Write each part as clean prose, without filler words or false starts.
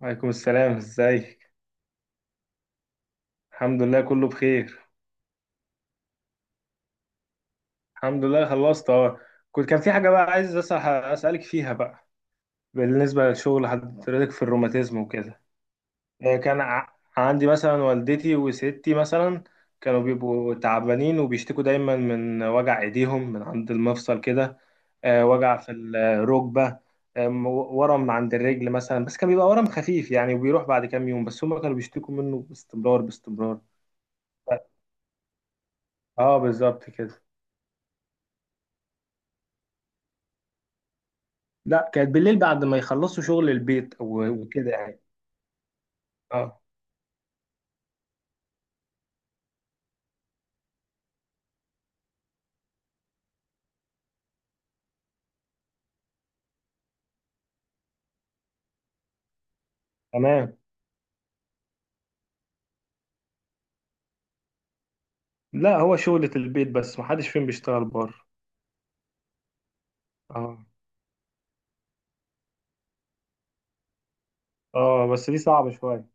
وعليكم السلام، ازيك؟ الحمد لله كله بخير. الحمد لله، خلصت اهو. كان في حاجة بقى عايز أسألك فيها بقى. بالنسبة للشغل حضرتك في الروماتيزم وكده. كان عندي مثلا والدتي وستي مثلا. كانوا بيبقوا تعبانين وبيشتكوا دايما من وجع ايديهم من عند المفصل كده. وجع في الركبة. ورم عند الرجل مثلا، بس كان بيبقى ورم خفيف يعني وبيروح بعد كام يوم، بس هم كانوا بيشتكوا منه باستمرار باستمرار. اه، بالظبط كده. لا، كانت بالليل بعد ما يخلصوا شغل البيت و- وكده يعني. اه، تمام. لا، هو شغلة البيت بس محدش فيهم بيشتغل بره. اه. اه، بس دي صعبة شوية.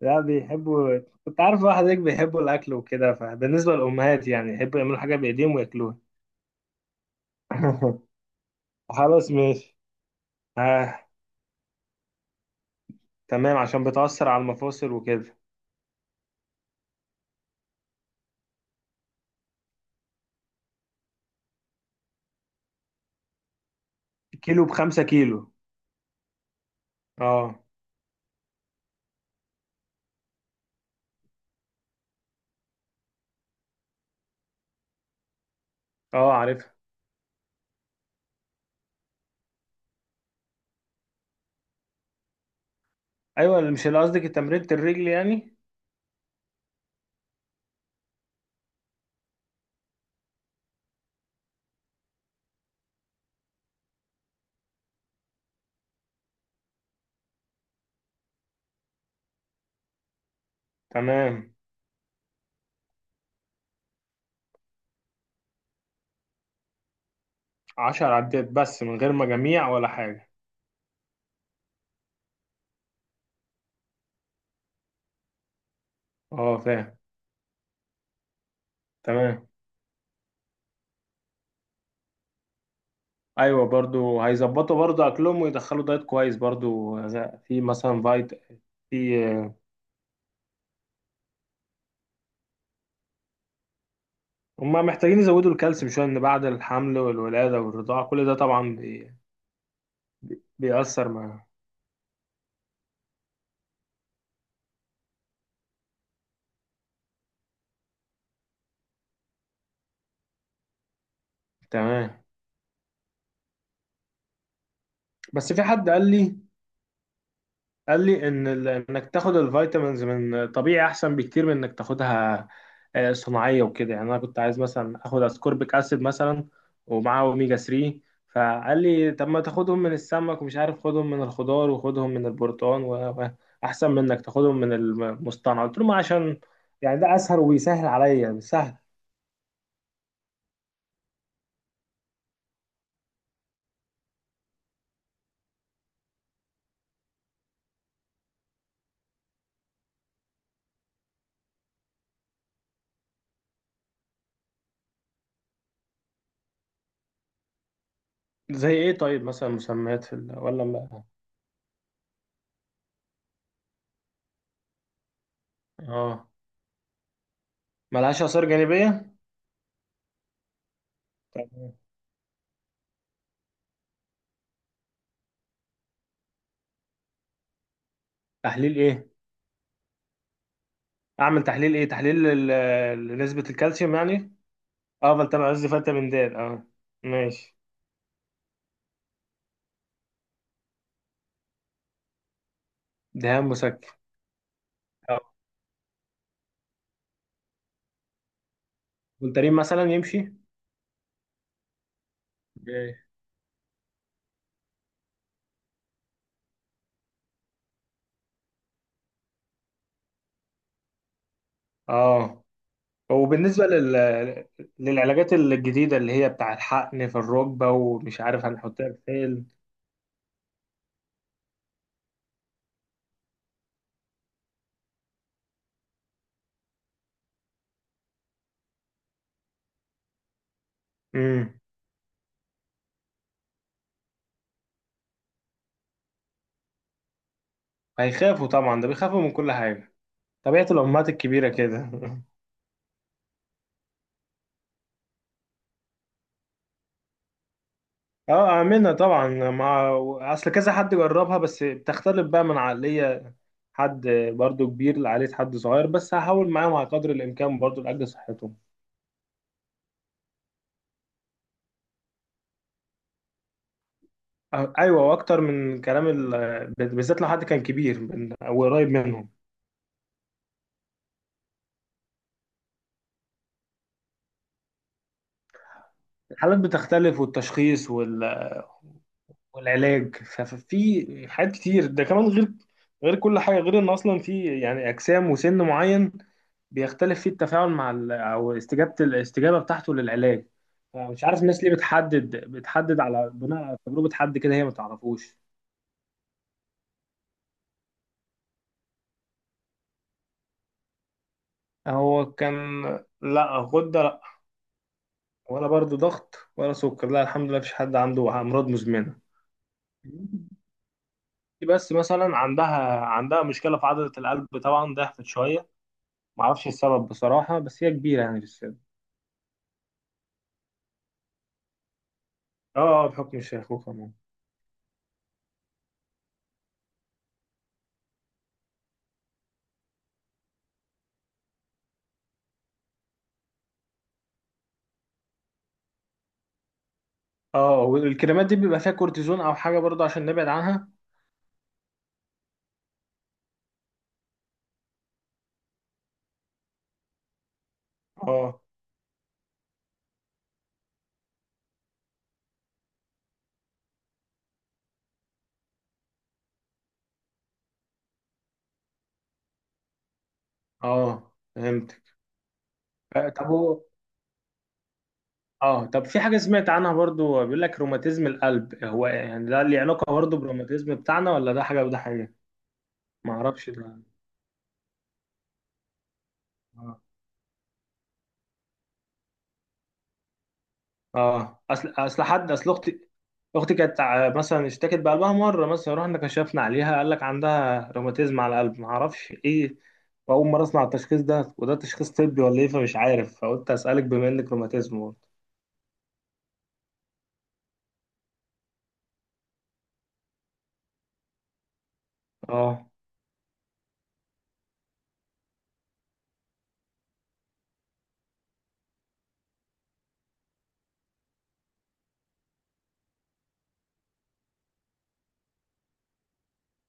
لا، بيحبوا. كنت عارف واحد هيك بيحبوا الأكل وكده، فبالنسبة للأمهات يعني يحبوا يعملوا حاجة بإيديهم وياكلوها. خلاص ماشي. آه، تمام، عشان بتأثر على المفاصل وكده. كيلو بخمسة كيلو؟ اه. اه، عارفها. أيوة، مش اللي قصدك تمرينة الرجل يعني؟ تمام، 10 عدات بس من غير مجاميع ولا حاجة؟ اه، فاهم. تمام. ايوه، برضو هيظبطوا برضو اكلهم ويدخلوا دايت كويس برضو في مثلا فايت. في. هم محتاجين يزودوا الكالسيوم شويه، ان بعد الحمل والولاده والرضاعه كل ده طبعا بيأثر مع. تمام. بس في حد قال لي ان انك تاخد الفيتامينز من طبيعي احسن بكتير من انك تاخدها صناعيه وكده، يعني انا كنت عايز مثلا اخد اسكوربيك اسيد مثلا ومعاه اوميجا 3. فقال لي طب ما تاخدهم من السمك، ومش عارف خدهم من الخضار وخدهم من البرتقال واحسن من انك تاخدهم من المصطنع. قلت له ما عشان يعني ده اسهل وبيسهل عليا مش سهل. زي ايه؟ طيب مثلا مسميات في ال ولا ما. اه، ملهاش اثار جانبيه؟ طب. تحليل ايه؟ اعمل تحليل ايه؟ تحليل نسبة الكالسيوم يعني؟ افضل تبع عز فيتامين د، اه. ماشي. دهان مسكن؟ اه، فولتارين مثلا يمشي؟ اوكي. اه، وبالنسبة للعلاجات الجديدة اللي هي بتاع الحقن في الركبة، ومش عارف هنحطها في فين؟ امم هيخافوا طبعا، ده بيخافوا من كل حاجة. طبيعة الأمهات الكبيرة كده. اه، اعملها طبعا مع. اصل كذا حد جربها، بس بتختلف بقى من عقلية حد برضو كبير لعقلية حد صغير، بس هحاول معاهم على قدر الامكان برضو لاجل صحتهم. أه، ايوه، واكتر من كلام ال، بالذات لو حد كان كبير من، او قريب منهم. الحالات بتختلف والتشخيص وال والعلاج ففي حاجات كتير ده كمان غير. غير كل حاجة، غير ان اصلا في يعني اجسام وسن معين بيختلف فيه التفاعل مع ال، او الاستجابه بتاعته للعلاج. فمش عارف الناس ليه بتحدد على بناء على تجربه حد كده هي ما تعرفوش. هو كان، لا غده لا. ولا برضه ضغط ولا سكر، لا الحمد لله مفيش حد عنده امراض مزمنه. بس مثلا عندها مشكله في عضله القلب، طبعا ضعفت شويه. معرفش السبب بصراحه، بس هي كبيره يعني في السن. اه. بحكم الشيخوخه ممكن. اه، والكريمات دي بيبقى فيها كورتيزون او حاجه برضه عشان نبعد عنها؟ اه. اه، فهمت. طب هو. اه، طب في حاجة سمعت عنها برضو، بيقول لك روماتيزم القلب، هو يعني ده ليه علاقة برضو بالروماتيزم بتاعنا ولا ده حاجة وده حاجة؟ ما اعرفش ده. اه. اه، اصل حد اصل اختي. اختي كانت مثلا اشتكت بقلبها مرة، مثلا رحنا كشفنا عليها، قال لك عندها روماتيزم على القلب، ما اعرفش ايه. واول مرة اسمع التشخيص ده، وده تشخيص طبي ولا ايه فمش عارف، فقلت اسألك بما انك روماتيزم برضه. اه.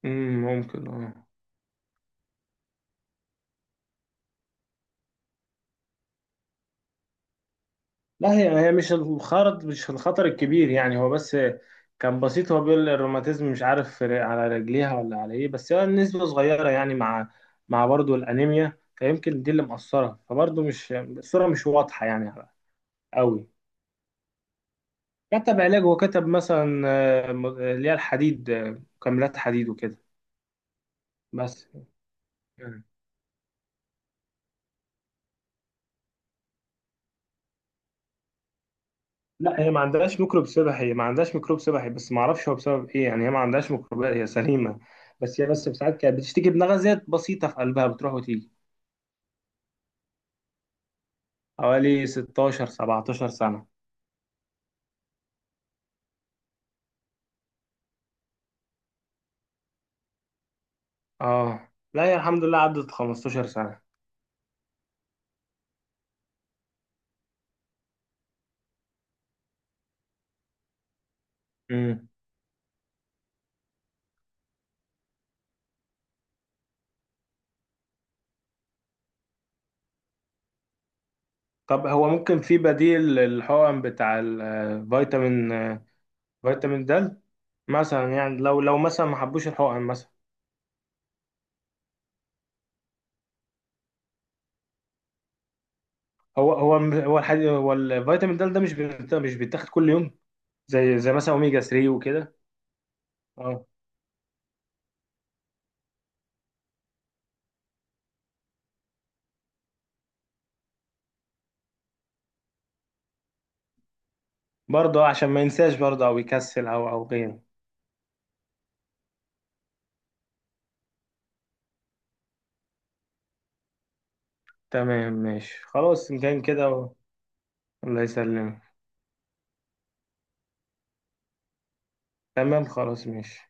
ممكن، اه. لا، هي مش الخطر الكبير يعني، هو بس كان بسيط. هو بيقول الروماتيزم مش عارف على رجليها ولا على ايه، بس هي النسبة صغيرة يعني، مع برضه الأنيميا، فيمكن دي اللي مأثرة، فبرضه مش، الصورة مش واضحة يعني. قوي. كتب علاج، وكتب مثلا اللي هي الحديد، مكملات حديد وكده. بس. لا هي ما عندهاش ميكروب سبحي، هي ما عندهاش ميكروب سبحي، بس ما اعرفش هو بسبب ايه يعني، هي ما عندهاش ميكروبات هي سليمه. بس هي بس ساعات كانت بتشتكي بنغزات بسيطه في قلبها بتروح وتيجي. حوالي 16 17 سنه. اه. لا، هي الحمد لله عدت 15 سنه. امم طب هو ممكن في بديل للحقن بتاع الفيتامين؟ فيتامين د. مثلا يعني، لو مثلا ما حبوش الحقن مثلا. هو الحديد، هو الفيتامين د ده مش بيتاخد كل يوم. زي مثلا اوميجا 3 وكده. اه، برضه عشان ما ينساش برضه، او يكسل او غيره. تمام، ماشي، خلاص إن كان كده. الله يسلمك. تمام، خلاص ماشي.